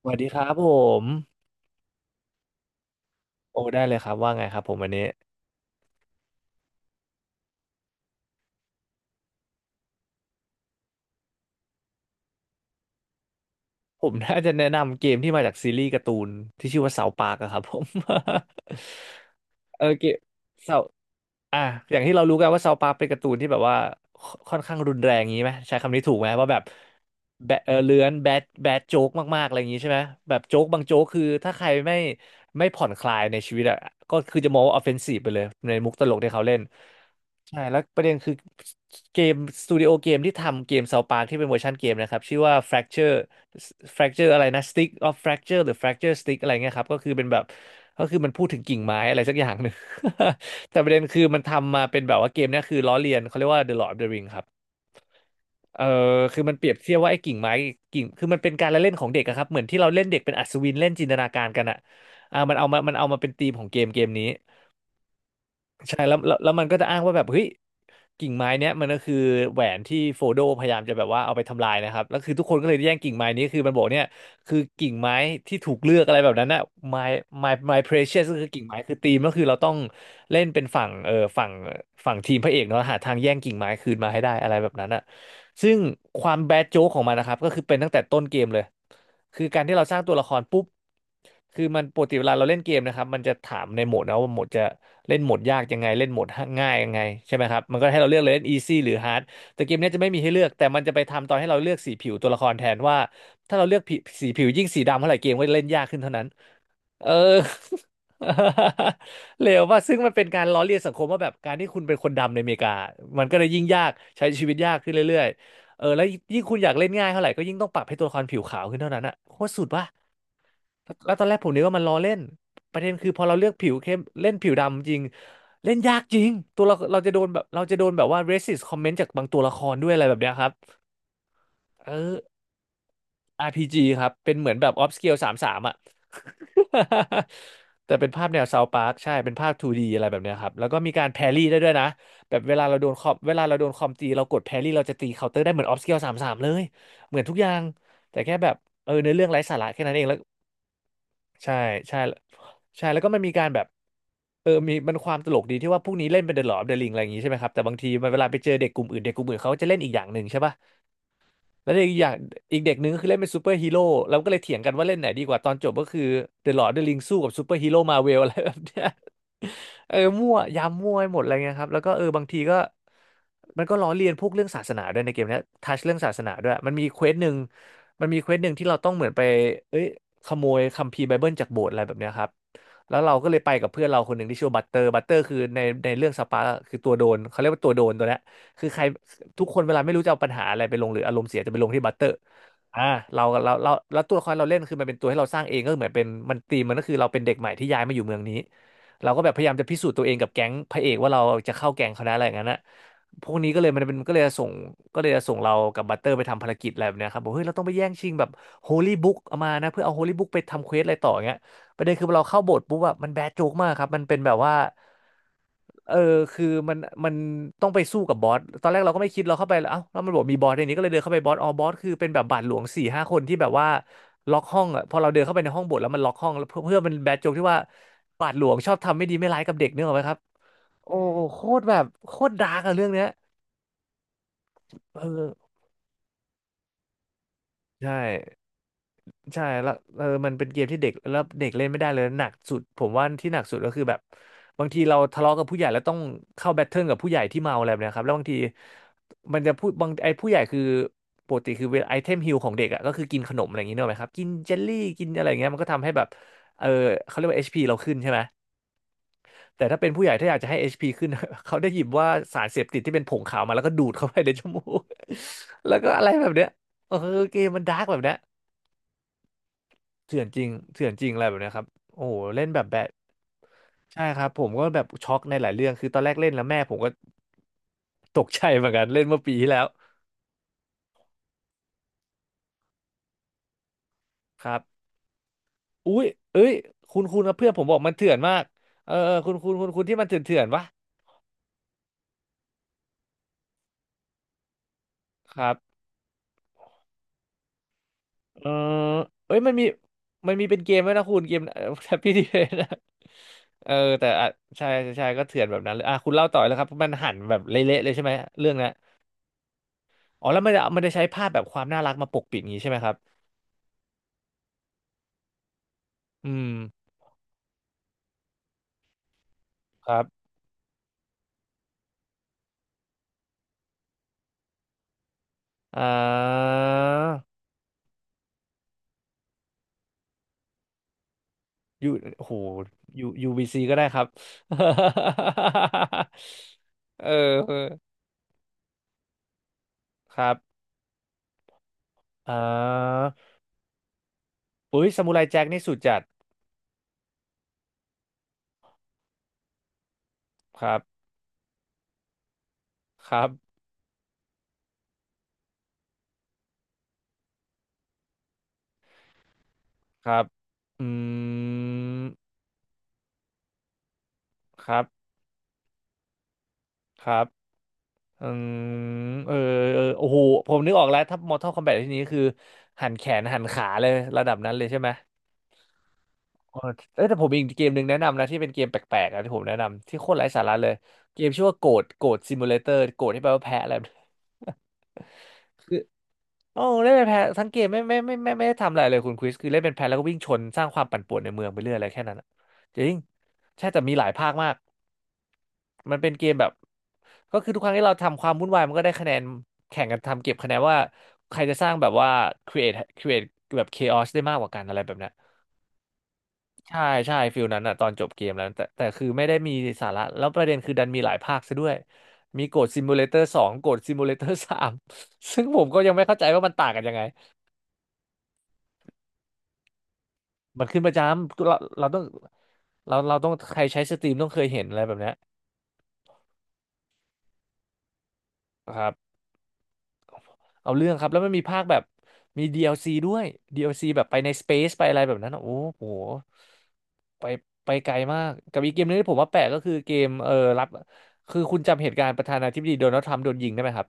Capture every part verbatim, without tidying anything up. สวัสดีครับผมโอ้ได้เลยครับว่าไงครับผมวันนี้ผม น่าจะแนะนำเกมที่มาจากซีรีส์การ์ตูนที่ชื่อว่าเสาปากอะครับผม เออเกมเสา อ่ะอย่างที่เรารู้กันว่าเซาวปาร์คเป็นการ์ตูนที่แบบว่าคค่อนข้างรุนแรงงี้ไหมใช้คำนี้ถูกไหมว่าแบบแบะเออเลื้อนแบดแบดโจ๊กมากๆอะไรอย่างนี้ใช่ไหมแบบโจ๊กบางโจ๊กคือถ้าใครไม่ไม่ผ่อนคลายในชีวิตอ่ะก็คือจะมองว่าออฟเฟนซีฟไปเลยในมุกตลกที่เขาเล่นใช่แล้วประเด็นคือเกมสตูดิโอเกมที่ทำเกมเซาปาที่เป็นเวอร์ชันเกมนะครับชื่อว่า Fracture Fracture อะไรนะ Stick of Fracture หรือ Fracture Stick อะไรเงี้ยครับก็คือเป็นแบบก็คือมันพูดถึงกิ่งไม้อะไรสักอย่างหนึ่ง แต่ประเด็นคือมันทำมาเป็นแบบว่าเกมเนี้ยคือล้อเลียนเขาเรียกว่า The Lord of the Ring ครับเออคือมันเปรียบเทียบว่าไอ้กิ่งไม้กิ่งคือมันเป็นการละเล่นของเด็กอะครับ เหมือนที่เราเล่นเด็กเป็นอัศวินเล่นจินตนาการกันอะอ่ามันเอามามันเอามาเป็นธีมของเกมเกมนี้ใช่แล้วแล้วแล้วมันก็จะอ้างว่าแบบเฮ้ย กิ่งไม้เนี้ยมันก็คือแหวนที่โฟโดพยายามจะแบบว่าเอาไปทำลายนะครับแล้วคือทุกคนก็เลยแย่งกิ่งไม้นี้คือมันบอกเนี่ยคือกิ่งไม้ที่ถูกเลือกอะไรแบบนั้นน่ะ my my my precious ก็คือกิ่งไม้คือธีมก็คือเราต้องเล่นเป็นฝั่งเออฝั่งฝั่งทีมพระเอกเนาะหาทางแย่งกิ่งไม้คืนมาให้ได้อะไรแบบนั้นน่ะซึ่งความแบดโจ๊กของมันนะครับก็คือเป็นตั้งแต่ต้นเกมเลยคือการที่เราสร้างตัวละครปุ๊บคือมันปกติเวลาเราเล่นเกมนะครับมันจะถามในโหมดนะว่าโหมดจะ เล่นโหมดยากยังไงเล่นโหมดง่ายยังไงใช่ไหมครับมันก็ให้เราเลือกเลยเล่น easy หรือ hard แต่เกมเนี้ยจะไม่มีให้เลือกแต่มันจะไปทำตอนให้เราเลือกสีผิวตัวละครแทนว่าถ้าเราเลือกผิสีผิวยิ่งสีดำเท่าไหร่เกมก็จะเล่นยากขึ้นเท่านั้นเออ เลวว่าซึ่งมันเป็นการล้อเลียนสังคมว่าแบบการที่คุณเป็นคนดำในอเมริกามันก็เลยยิ่งยากใช้ชีวิตยากขึ้นเรื่อยๆเออแล้วยิ่งคุณอยากเล่นง่ายเท่าไหร่ก็ยิ่งต้องปรับให้ตัวละครผิวขาวขึ้นเท่านั้นอ่ะโคตรสุดป่ะ แล้วตอนแรกผมนึกว่ามันล้อเล่นประเด็นคือพอเราเลือกผิวเข้มเล่นผิวดำจริงเล่นยากจริงตัวเราเราจะโดนแบบเราจะโดนแบบว่า racist comment จากบางตัวละครด้วยอะไรแบบเนี้ยครับเออ อาร์ พี จี ครับเป็นเหมือนแบบ upscale สามสามอ่ะ แต่เป็นภาพแนว South Park ใช่เป็นภาพ ทู ดี อะไรแบบเนี้ยครับแล้วก็มีการแพรี่ได้ด้วยนะแบบเวลาเราโดนคอมเวลาเราโดนคอมตีเรากดแพรี่เราจะตีเคาน์เตอร์ได้เหมือน upscale สามสามเลยเหมือนทุกอย่างแต่แค่แบบเออเนื้อเรื่องไร้สาระแค่นั้นเองแล้ว ใช่ใช่ใช่แล้วก็มันมีการแบบเออมีมันความตลกดีที่ว่าพวกนี้เล่นเป็นเดอะลอ d อ f เดอะริงอะไรอย่างงี้ใช่ไหมครับแต่บางทีมันเวลาไปเจอเด็กกลุ่มอื่นเด็กกลุ่มอื่นเขาจะเล่นอีกอย่างหนึ่งใช่ป่ะ แล้วอีกอย่างอีกเด็กหนึ่งก็คือเล่นเป็นซูเปอร์ฮีโร่เราก็เลยเถียงกันว่าเล่นไหนดีกว่าตอนจบก็คือเดอะลอ d ์ดออฟเดอะริงสู้กับซูเปอร์ฮีโร่มาเวลอะไรแบบเนี้ย เออมั่วยามมั่วไปหมดอะไรเงี้ยครับแล้วก็เออบางทีก็มันก็ล้อเลียนพวกเรื่องศาสนาด้วยในเกมเนี้ยทัชเรื่องศาสนาด้วยมันมีเควสหนึ่งมันมีเควสหนึ่งที่เราต้องเหมือนไปเอ้ยขโมยคัมภีร์ไบเบิลจากโบสถ์อะไรแบบเนี้ยครับแล้วเราก็เลยไปกับเพื่อนเราคนหนึ่งที่ชื่อบัตเตอร์บัตเตอร์คือในในเรื่องสปาร์คคือตัวโดนเขาเรียกว่าตัวโดนตัวเนี้ย คือใครทุกคนเวลาไม่รู้จะเอาปัญหาอะไรไปลงหรืออารมณ์เสียจะไปลงที่บัตเตอร์อ่าเราเราเราแล้วตัวละครเราเล่นคือมันเป็นตัวให้เราสร้างเองก็เหมือนเป็นมันตีมมันก็คือเราเป็นเด็กใหม่ที่ย้ายมาอยู่เมืองนี้เราก็แบบพยายามจะพิสูจน์ตัวเองกับแก๊งพระเอกว่าเราจะเข้าแก๊งเขาได้อะไรอย่างนั้นนะพวกนี้ก็เลยมันเป็นก็เลยส่งก็เลยส่งเรากับบัตเตอร์ไปทำภารกิจอะไรแบบเนี้ยครับบอกเฮ้ยเราต้องไปแย่งชิงแบบโฮลี่บุ๊กเอามานะเพื่อเอาโฮลี่บุ๊กไปทำเควสอะไรต่ออย่างเงี้ยประเด็นคือเราเข้าโบสถ์ปุ๊บอะมันแบดโจ๊กมากครับมันเป็นแบบว่า เออคือมันมันต้องไปสู้กับบอสตอนแรกเราก็ไม่คิดเราเข้าไปแล้วเอ้าแล้วมันบอกมีบอสในนี้ก็เลยเดินเข้าไปบอสอ๋อบอสคือเป็นแบบบาทหลวงสี่ห้าคนที่แบบว่าล็อกห้องอ่ะพอเราเดินเข้าไปในห้องบทแล้วมันล็อกห้องแล้วเพื่อเพื่อมันแบดโจ๊กที่ว่าบาทหลวงชอบทำไม่ดีไม่ร้ายกับเด็กเนกอะไหมครับโอ้โหโคตรแบบโคตรดาร์กอะเรื่องเนี้ยเออใช่ ใช่แล้วเออมันเป็นเกมที่เด็กแล้วเด็กเล่นไม่ได้เลยหนักสุดผมว่าที่หนักสุดก็คือแบบบางทีเราทะเลาะกับผู้ใหญ่แล้วต้องเข้าแบทเทิลกับผู้ใหญ่ที่เมาอะไรแบบเนะครับแล้วบางทีมันจะพูดบางไอ้ผู้ใหญ่คือปกติคือเวลาไอเทมฮิลของเด็กอ่ะก็คือกินขนมอะไรอย่างงี้เนกอะไหมครับกินเจลลี่กินอะไรอย่างเงี้ยมันก็ทำให้แบบเออเขาเรียกว่า เอช พี เราขึ้นใช่ไหมแต่ถ้าเป็นผู้ใหญ่ถ้าอยากจะให้ เอช พี ขึ้น เขาได้หยิบว่าสารเสพติดที่เป็นผงขาวมาแล้วก็ดูดเข้าไปในจมูก แล้วก็อะไรแบบเนี้ยเออเกมมันดาร์กแบบเนี้ย เถื่อนจริงเถื่อนจริงอะไรแบบเนี้ยครับโอ้โหเล่นแบบแบะใช่ครับผมก็แบบช็อกในหลายเรื่องคือตอนแรกเล่นแล้วแม่ผมก็ตกใจเหมือนกันเล่นเมื่อปีที่แล้วครับอุ้ยเอ้ยคุณคุณนะเพื่อนผมบอกมันเถื่อนมากเออเออคุณคุณคุณคุณที่มันเถื่อนเถื่อนวะครับเออเอ้ยมันมีมันมีเป็นเกมด้วยนะคุณเกม แฮปปี้ดีเนะเออแต่อ่ะใช่ใช่ใช่ก็เถื่อนแบบนั้นเลยอ่ะคุณเล่าต่อเลยครับมันหั่นแบบเละๆเลยใช่ไหมเรื่องนั้นอ๋อแล้วมันจะมันจะใช้ภาพแบบความน่ารักมาปกปิดอย่างงี้ใช่ไหมครับอืมครับ อ่ายูโหยูยูบีซีก็ได้ครับ เออครับ อ่าอุ้ยซามูไรแจ็คนี่สุดจัด ครับ ครับ ครับอืมครับ ครับอืมเออเออโอ้โห ผมนึกออกแล้ว ถ้า Mortal Kombat ที่นี้คือหันแขนหันขาเลยระดับนั้นเลยใช่ไหม เออเอ้ยแต่ผมมีอีกเกมหนึ่งแนะนำนะที่เป็นเกมแปลกๆนะที่ผมแนะนำที่โคตรไร้สาระเลยเกมชื่อว่าโกดโกดซิมูเลเตอร์โกดที่แปลว่าแพะอะไรแบบนี้คือ โอ้เล่นเป็นแพะทั้งเกมไม่ไม่ไม่ไม่ไม่ไม่ได้ทำอะไรเลยคุณคริสคือเล่นเป็นแพะแล้วก็วิ่งชนสร้างความปั่นป่วนในเมืองไปเรื่อยอะไรแค่นั้นอะจริงใช่แต่มีหลายภาคมากมันเป็นเกมแบบก็คือทุกครั้งที่เราทำความวุ่นวายมันก็ได้คะแนนแข่งกันทำเก็บคะแนนว่าใครจะสร้างแบบว่า create create แบบ chaos ได้มากกว่ากันอะไรแบบนั้น ใช่ใช่ฟิลนั้นอะตอนจบเกมแล้วแต่แต่คือไม่ได้มีสาระแล้วประเด็นคือดันมีหลายภาคซะด้วยมีโกดซิมูเลเตอร์สองโกดซิมูเลเตอร์สาม ซึ่งผมก็ยังไม่เข้าใจว่ามันต่างกันยังไงมันขึ้นประจำเราเราต้องเราเราต้องใครใช้สตรีมต้องเคยเห็นอะไรแบบเนี้ยครับเอาเรื่องครับแล้วมันมีภาคแบบมี ดี แอล ซี ด้วย ดี แอล ซี แอลซีแบบไปในสเปซไปอะไรแบบนั้นอะโอ้โหไปไปไกลมากกับอีกเกมนึงที่ผมว่าแปลกก็คือเกมเออรับคือคุณจำเหตุการณ์ประธานาธิบดีโดนัลด์ทรัมป์โดนยิงได้ไหมครับ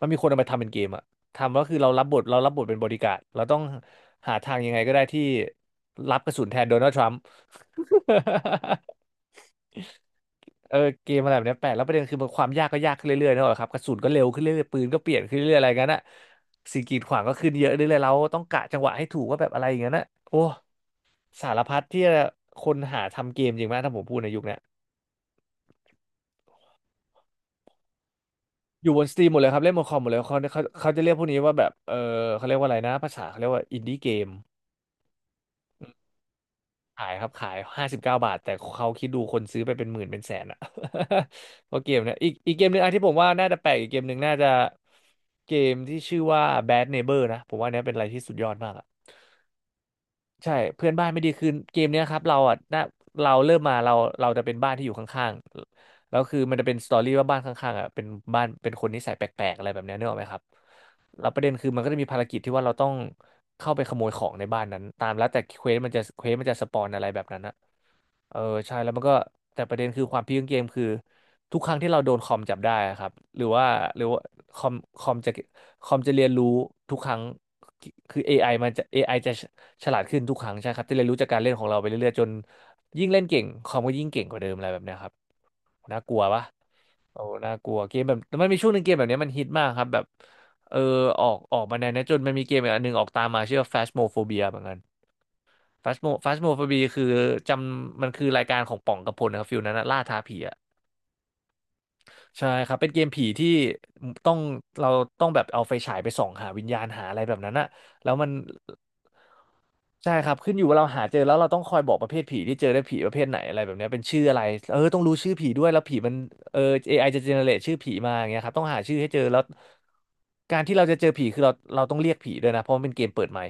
มันมีคนเอามาทำเป็นเกมอะทำก็คือเรารับบทเรารับบทเป็นบอดี้การ์ดเราต้องหาทางยังไงก็ได้ที่รับกระสุนแทนโดนัลด์ทรัมป์ เออเกมอะไรแบบเนี้ยแปลกแล้วประเด็นคือมันความยากก็ยากขึ้นเรื่อยๆนะครับกระสุนก็เร็วขึ้นเรื่อยๆปืนก็เปลี่ยนขึ้นเรื่อยๆอะไรงั้นอะสิ่งกีดขวางก็ขึ้นเยอะเรื่อยๆเราต้องกะจังหวะให้ถูกว่าแบบอะไรอย่างนั้นอะโอ้สารพัดที่คนหาทำเกมจริงไหมถ้าผมพูดในยุคเนี้ยอยู่บนสตรีมหมดเลยครับเล่นบนคอมหมดเลยเขาเขาเขาจะเรียกพวกนี้ว่าแบบเออเขาเรียกว่าอะไรนะภาษาเขาเรียกว่าอินดี้เกม ขายครับขายห้าสิบเก้าบาทแต่เขาคิดดูคนซื้อไปเป็นหมื่นเป็นแสนอะ เพราะเกมเนี่ยอีกอีกเกมหนึ่งอ่ะที่ผมว่าน่าจะแปลกอีกเกมหนึ่งน่าจะเกมที่ชื่อว่า Bad Neighbor นะผมว่าเนี้ยเป็นอะไรที่สุดยอดมากอะ ใช่เพื่อนบ้านไม่ดีคือเกมเนี้ยครับเราอ่ะนะเราเริ่มมาเราเราจะเป็นบ้านที่อยู่ข้างๆแล้วคือมันจะเป็นสตอรี่ว่าบ้านข้างๆอ่ะเป็นบ้านเป็นคนนิสัยแปลกๆอะไรแบบเนี้ยนึกออกไหมครับแล้วประเด็นคือมันก็จะมีภารกิจที่ว่าเราต้องเข้าไปขโมยของในบ้านนั้นตามแล้วแต่เควสมันจะเควสมันจะสปอนอะไรแบบนั้นนะเออใช่แล้วมันก็แต่ประเด็นคือความพีคของเกมคือทุกครั้งที่เราโดนคอมจับได้อะครับหรือว่าหรือว่าคอมคอมจะคอมจะเรียนรู้ทุกครั้ง คือ เอ ไอ มันจะเอไอจะฉลาดขึ้นทุกครั้งใช่ครับ ที่เรียนรู้จากการเล่นของเราไปเรื่อยๆจนยิ่งเล่นเก่งคอมก็ยิ่งเก่งกว่าเดิมอะไรแบบเนี้ยครับน่ากลัวปะโอ้น่ากลัวเกมแบบมันมีช่วงหนึ่งเกมแบบเนี้ยมันฮิตมากครับแบบเออออกออกมาแนวเนี้ยจนมันมีเกมอีกอันหนึ่งออกตามมาชื่อว่า Phasmophobia เหมือนกัน Phasmo Phasmophobia คือจำมันคือรายการของป่องกระพลนะครับฟิลนั้นนะล่าท้าผีอะ ใช่ครับเป็นเกมผีที่ต้องเราต้องแบบเอาไฟฉายไปส่องหาวิญญาณหาอะไรแบบนั้นอะแล้วมันใช่ครับขึ้นอยู่ว่าเราหาเจอแล้วเราต้องคอยบอกประเภทผีที่เจอได้ผีประเภทไหนอะไรแบบเนี้ยเป็นชื่ออะไรเออต้องรู้ชื่อผีด้วยแล้วผีมันเออ เอ ไอ จะเจเนเรตชื่อผีมาอย่างเงี้ยครับต้องหาชื่อให้เจอแล้วการที่เราจะเจอผีคือเราเราต้องเรียกผีด้วยนะเพราะมันเป็นเกมเปิดใหม่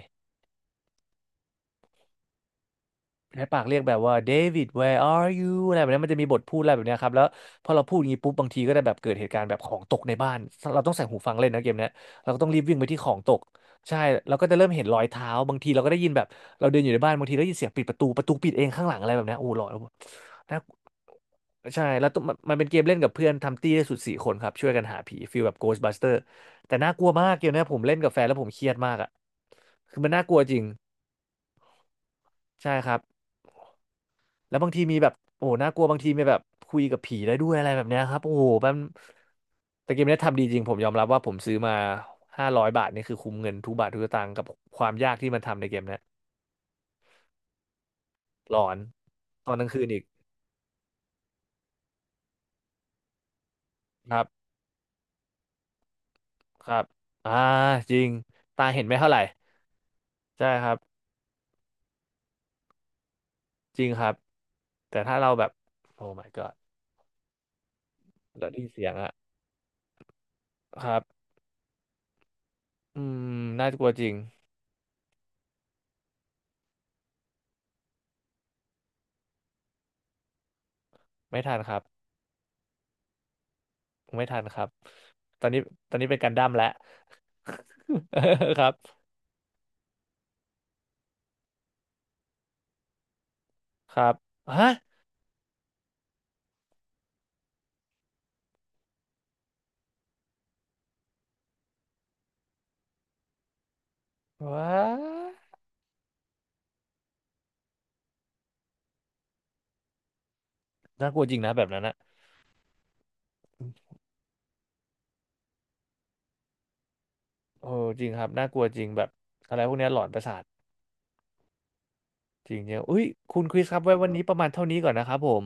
ในปากเรียกแบบว่าเดวิด where are you อะไรแบบนี้มันจะมีบทพูดอะไรแบบเนี้ยครับแล้วพอเราพูดอย่างนี้ปุ๊บบางทีก็จะแบบเกิดเหตุการณ์แบบของตกในบ้านเราต้องใส่หูฟังเล่นนะเกมเนี้ยเราก็ต้องรีบวิ่งไปที่ของตกใช่เราก็จะเริ่มเห็นรอยเท้าบางทีเราก็ได้ยินแบบเราเดินอยู่ในบ้านบางทีได้ยินเสียงปิดประตูประตูปิดเองข้างหลังอะไรแบบเนี้ยโอ้หลอนนะใช่แล้วต้องมันมันเป็นเกมเล่นกับเพื่อนทำตี้ได้สุดสี่คนครับช่วยกันหาผีฟีลแบบ Ghostbuster แต่น่ากลัวมากเกมเนี้ยผมเล่นกับแฟนแล้วผมเครียดมากอ่ะคือมันน่ากลัวจริงใช่ครับ แล้วบางทีมีแบบโอ้โหน่ากลัวบางทีมีแบบคุยกับผีได้ด้วยอะไรแบบเนี้ยครับโอ้โหมันแต่เกมเนี้ยทำดีจริงผมยอมรับว่าผมซื้อมาห้าร้อยบาทนี่คือคุ้มเงินทุกบาททุกสตางค์กับความยากที่มันทำในเกมเนี้ยหลอนตอนกลางคืนอีกครับครับอ่าจริงตาเห็นไม่เท่าไหร่ใช่ครับจริงครับแต่ถ้าเราแบบโอ้ my god เราได้ยินเสียงอะครับอืมน่ากลัวจริงไม่ทันครับไม่ทันครับตอนนี้ตอนนี้เป็นการดั้มแล้ว ครับ ครับฮะว้าน่ากลัวจริงนะแบบนั้นนะโอ้จริงครับน่ากลัวจริงแบบอะไรพวกเนี้ยหลอนประสาทจริงเนีอะอุ้ยคุณคริสครับไว้วันนี้ประมาณเท่านี้ก่อนนะครับผม